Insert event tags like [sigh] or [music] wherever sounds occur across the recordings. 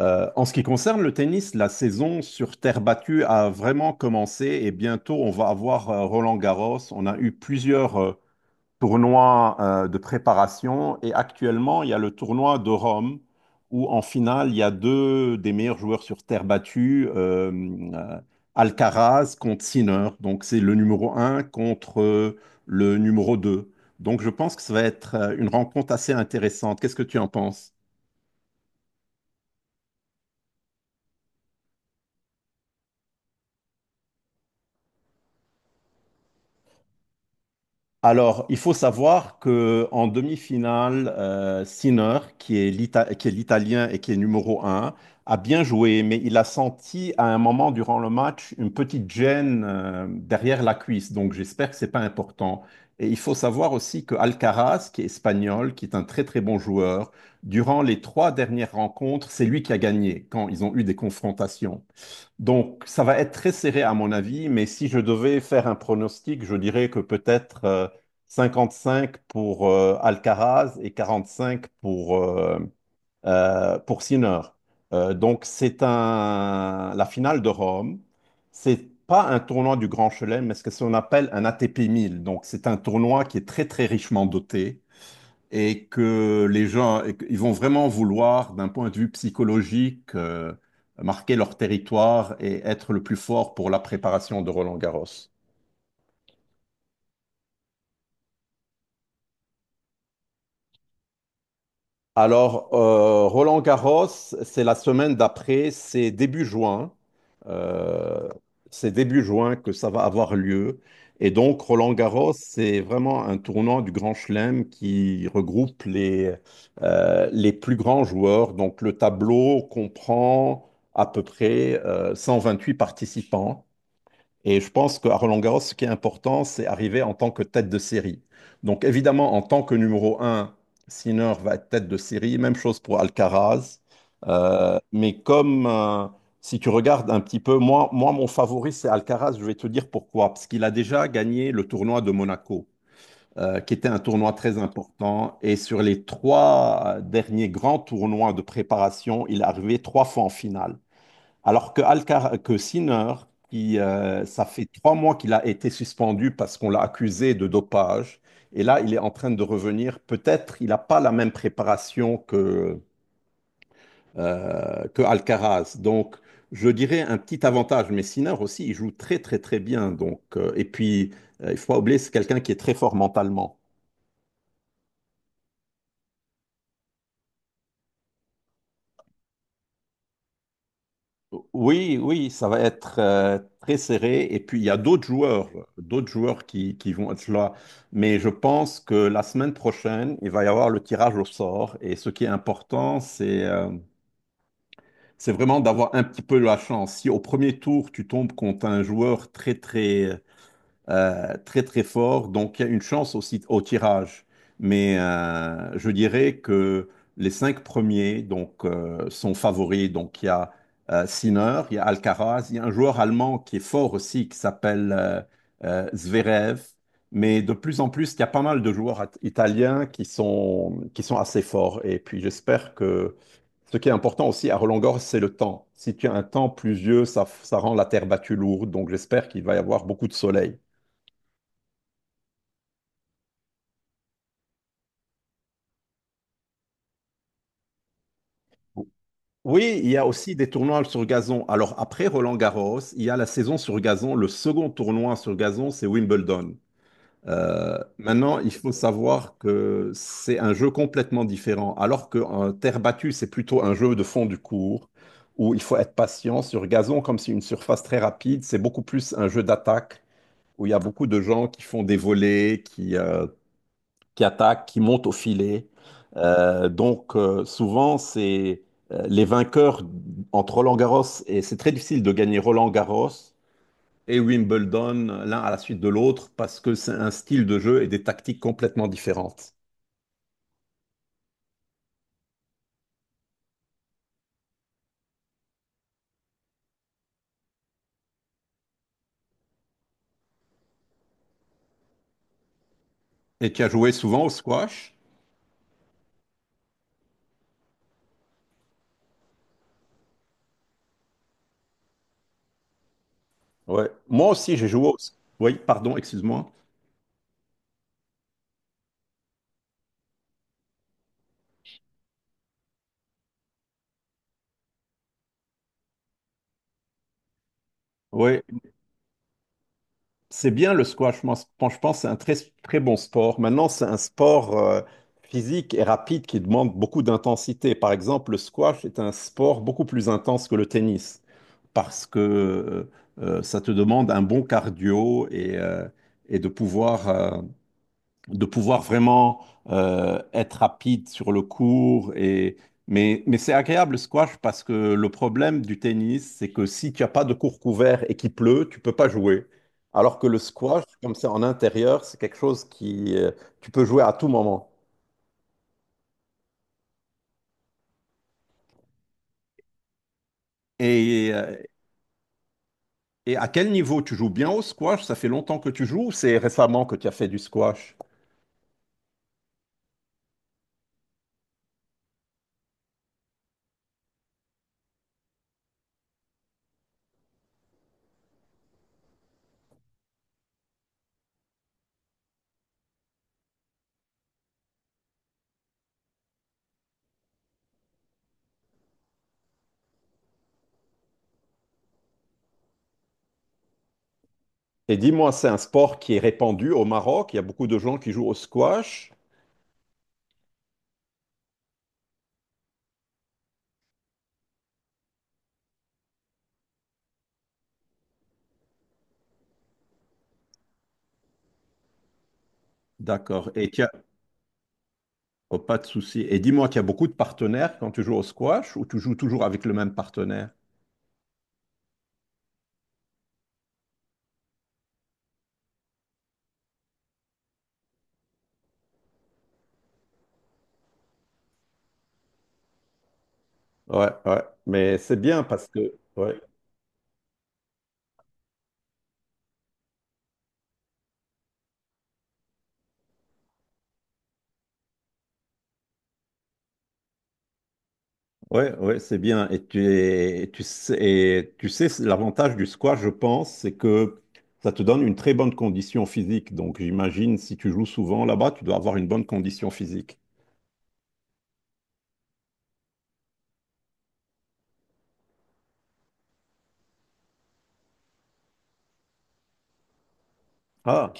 En ce qui concerne le tennis, la saison sur terre battue a vraiment commencé et bientôt on va avoir Roland-Garros. On a eu plusieurs tournois de préparation et actuellement il y a le tournoi de Rome où en finale il y a deux des meilleurs joueurs sur terre battue, euh, Alcaraz contre Sinner. Donc c'est le numéro un contre le numéro 2. Donc je pense que ça va être une rencontre assez intéressante. Qu'est-ce que tu en penses? Alors, il faut savoir que en demi-finale, Sinner, qui est l'Italien et qui est numéro un, a bien joué, mais il a senti à un moment durant le match une petite gêne derrière la cuisse. Donc, j'espère que c'est pas important. Et il faut savoir aussi que Alcaraz, qui est espagnol, qui est un très très bon joueur, durant les trois dernières rencontres, c'est lui qui a gagné quand ils ont eu des confrontations. Donc, ça va être très serré à mon avis, mais si je devais faire un pronostic, je dirais que peut-être 55 pour Alcaraz et 45 pour Sinner. Donc, c'est la finale de Rome. C'est pas un tournoi du Grand Chelem, mais ce que qu'on appelle un ATP 1000. Donc, c'est un tournoi qui est très, très richement doté et que les gens, et que- ils vont vraiment vouloir, d'un point de vue psychologique, marquer leur territoire et être le plus fort pour la préparation de Roland-Garros. Alors, Roland Garros, c'est la semaine d'après, c'est début juin. Euh, c'est début juin que ça va avoir lieu. Et donc, Roland Garros, c'est vraiment un tournant du Grand Chelem qui regroupe les plus grands joueurs. Donc, le tableau comprend à peu près huit participants. Et je pense qu'à Roland-Garros, ce qui est important, c'est arriver en tant que tête de série. Donc évidemment, en tant que numéro un, Sinner va être tête de série. Même chose pour Alcaraz. Mais comme si tu regardes un petit peu, mon favori, c'est Alcaraz. Je vais te dire pourquoi. Parce qu'il a déjà gagné le tournoi de Monaco, qui était un tournoi très important. Et sur les trois derniers grands tournois de préparation, il est arrivé trois fois en finale. Alors que Sinner, ça fait 3 mois qu'il a été suspendu parce qu'on l'a accusé de dopage, et là, il est en train de revenir. Peut-être il n'a pas la même préparation que Alcaraz. Donc, je dirais un petit avantage, mais Sinner aussi, il joue très, très, très bien. Donc, et puis, il ne faut pas oublier, c'est quelqu'un qui est très fort mentalement. Oui, oui, ça va être très serré. Et puis, il y a d'autres joueurs qui vont être là. Mais je pense que la semaine prochaine, il va y avoir le tirage au sort. Et ce qui est important, c'est vraiment d'avoir un petit peu la chance. Si au premier tour, tu tombes contre un joueur très, très, très très fort, donc il y a une chance aussi au tirage. Mais je dirais que les cinq premiers donc, sont favoris. Donc il y a Sinner, il y a Alcaraz, il y a un joueur allemand qui est fort aussi, qui s'appelle Zverev. Mais de plus en plus, il y a pas mal de joueurs italiens qui sont assez forts. Et puis j'espère que ce qui est important aussi à Roland-Garros, c'est le temps. Si tu as un temps pluvieux, ça rend la terre battue lourde. Donc j'espère qu'il va y avoir beaucoup de soleil. Oui, il y a aussi des tournois sur gazon. Alors après Roland-Garros, il y a la saison sur gazon. Le second tournoi sur gazon, c'est Wimbledon. Maintenant, il faut savoir que c'est un jeu complètement différent. Alors que terre battue, c'est plutôt un jeu de fond du cours où il faut être patient. Sur gazon, comme c'est une surface très rapide, c'est beaucoup plus un jeu d'attaque où il y a beaucoup de gens qui font des volées, qui attaquent, qui montent au filet. Donc souvent, c'est les vainqueurs entre Roland-Garros, et c'est très difficile de gagner Roland-Garros et Wimbledon l'un à la suite de l'autre parce que c'est un style de jeu et des tactiques complètement différentes. Et tu as joué souvent au squash? Ouais. Moi aussi, Oui, pardon, excuse-moi. Oui, c'est bien le squash, moi, je pense que c'est un très, très bon sport. Maintenant, c'est un sport physique et rapide qui demande beaucoup d'intensité. Par exemple, le squash est un sport beaucoup plus intense que le tennis parce que ça te demande un bon cardio et de pouvoir vraiment être rapide sur le court. Mais c'est agréable le squash parce que le problème du tennis, c'est que si tu n'as pas de court couvert et qu'il pleut, tu peux pas jouer. Alors que le squash, comme c'est en intérieur, c'est quelque chose qui tu peux jouer à tout moment. Et, euh, et à quel niveau tu joues bien au squash? Ça fait longtemps que tu joues ou c'est récemment que tu as fait du squash? Et dis-moi, c'est un sport qui est répandu au Maroc. Il y a beaucoup de gens qui jouent au squash. D'accord. Et tu Oh, pas de souci. Et dis-moi, tu as beaucoup de partenaires quand tu joues au squash ou tu joues toujours avec le même partenaire? Ouais, ouais. Mais c'est bien parce que. Ouais, ouais, ouais, c'est bien. Et tu sais, et tu sais, c'est l'avantage du squash, je pense, c'est que ça te donne une très bonne condition physique. Donc, j'imagine, si tu joues souvent là-bas, tu dois avoir une bonne condition physique. Ah,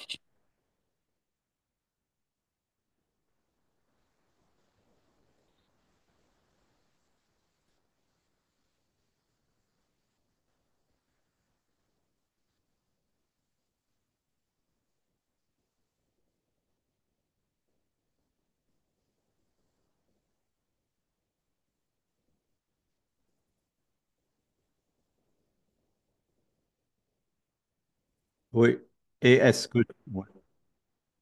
oui. Et est-ce que.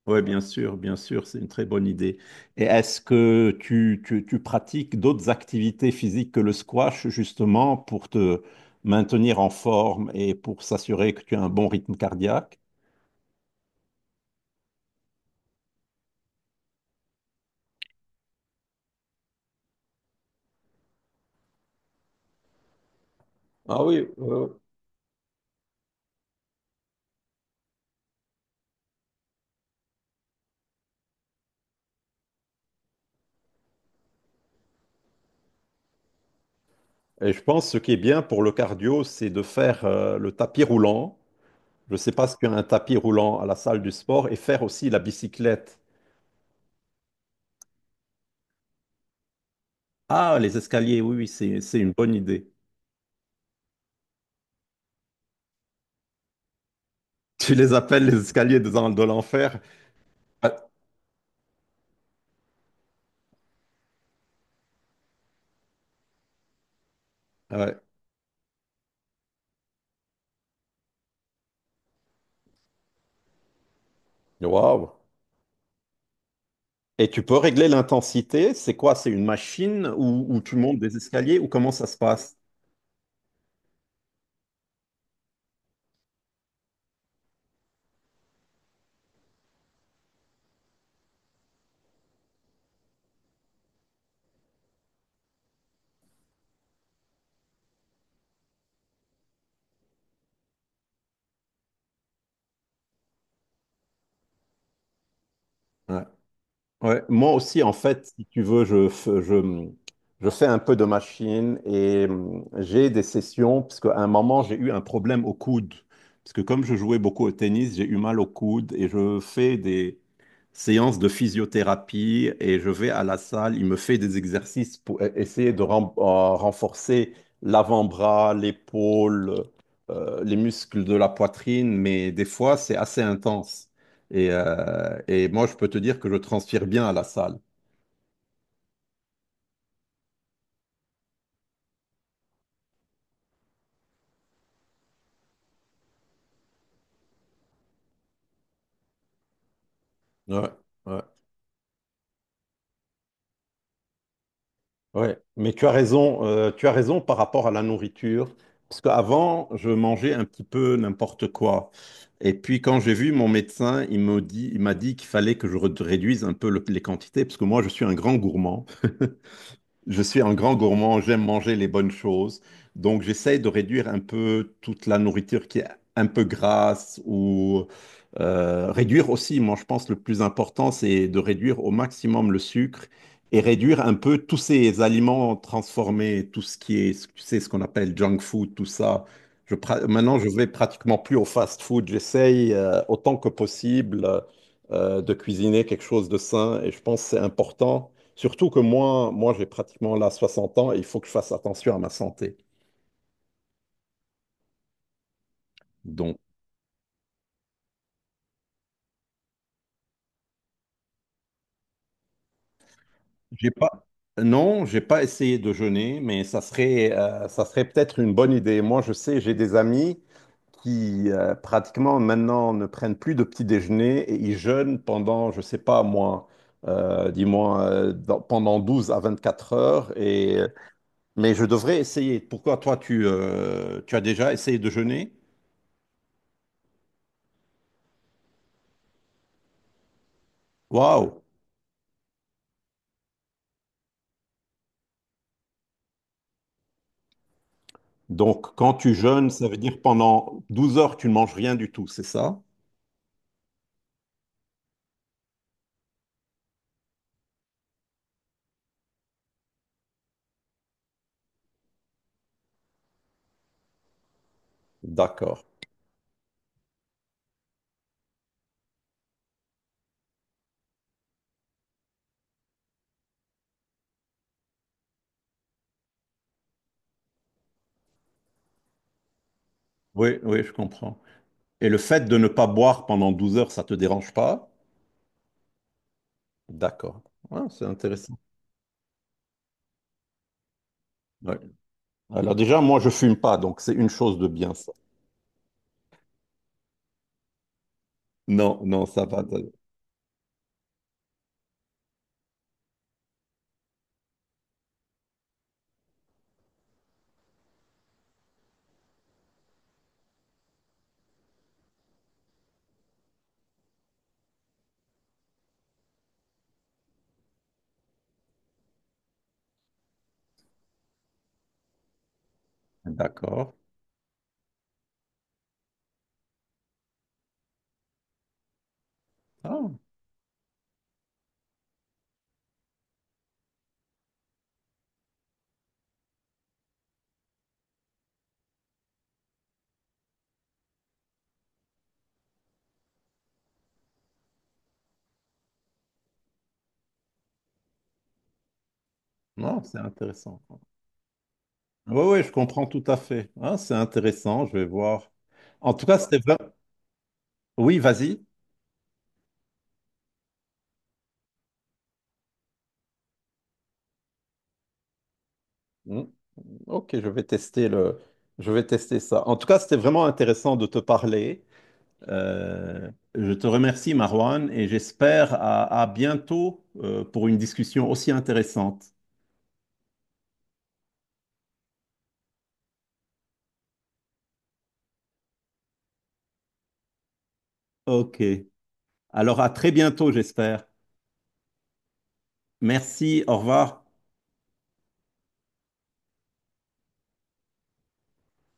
Oui, bien sûr, c'est une très bonne idée. Et est-ce que tu pratiques d'autres activités physiques que le squash, justement, pour te maintenir en forme et pour s'assurer que tu as un bon rythme cardiaque? Ah oui. Et je pense que ce qui est bien pour le cardio, c'est de faire le tapis roulant. Je ne sais pas si tu as un tapis roulant à la salle du sport et faire aussi la bicyclette. Ah, les escaliers, oui, oui, c'est une bonne idée. Tu les appelles les escaliers de l'enfer? Ah, ouais. Waouh! Et tu peux régler l'intensité. C'est quoi? C'est une machine où tu montes des escaliers ou comment ça se passe? Ouais. Ouais, moi aussi, en fait, si tu veux, je fais un peu de machine et j'ai des sessions, parce qu'à un moment, j'ai eu un problème au coude. Parce que comme je jouais beaucoup au tennis, j'ai eu mal au coude et je fais des séances de physiothérapie et je vais à la salle, il me fait des exercices pour essayer de renforcer l'avant-bras, l'épaule, les muscles de la poitrine, mais des fois, c'est assez intense. Et euh, et moi, je peux te dire que je transpire bien à la salle. Ouais, ouais, ouais. Mais tu as raison par rapport à la nourriture. Parce qu'avant, je mangeais un petit peu n'importe quoi. Et puis, quand j'ai vu mon médecin, il m'a dit qu'il fallait que je réduise un peu les quantités, parce que moi, je suis un grand gourmand. [laughs] Je suis un grand gourmand, j'aime manger les bonnes choses. Donc, j'essaye de réduire un peu toute la nourriture qui est un peu grasse ou réduire aussi, moi, je pense, le plus important, c'est de réduire au maximum le sucre et réduire un peu tous ces aliments transformés, tout ce qui est, tu sais, ce qu'on appelle junk food, tout ça. Maintenant, je vais pratiquement plus au fast food. J'essaye autant que possible de cuisiner quelque chose de sain et je pense que c'est important. Surtout que moi j'ai pratiquement là 60 ans et il faut que je fasse attention à ma santé. Donc, j'ai pas... Non, j'ai pas essayé de jeûner, mais ça serait peut-être une bonne idée. Moi, je sais, j'ai des amis qui pratiquement maintenant ne prennent plus de petit déjeuner et ils jeûnent pendant, je sais pas moi, dis-moi, pendant 12 à 24 heures. Mais je devrais essayer. Pourquoi toi, tu as déjà essayé de jeûner? Waouh! Donc, quand tu jeûnes, ça veut dire pendant 12 heures, tu ne manges rien du tout, c'est ça? D'accord. Oui, oui, je comprends. Et le fait de ne pas boire pendant 12 heures, ça te dérange pas? D'accord. Ah, c'est intéressant. Ouais. Alors déjà, moi, je fume pas, donc c'est une chose de bien, ça. Non, non, ça va. D'accord. Ah, non, c'est intéressant. Oui, oui, je comprends tout à fait. Ah, c'est intéressant, je vais voir. En tout cas, Oui, vas-y. Ok, je vais tester ça. En tout cas, c'était vraiment intéressant de te parler. Je te remercie, Marwan, et j'espère à bientôt pour une discussion aussi intéressante. Ok. Alors à très bientôt, j'espère. Merci, au revoir.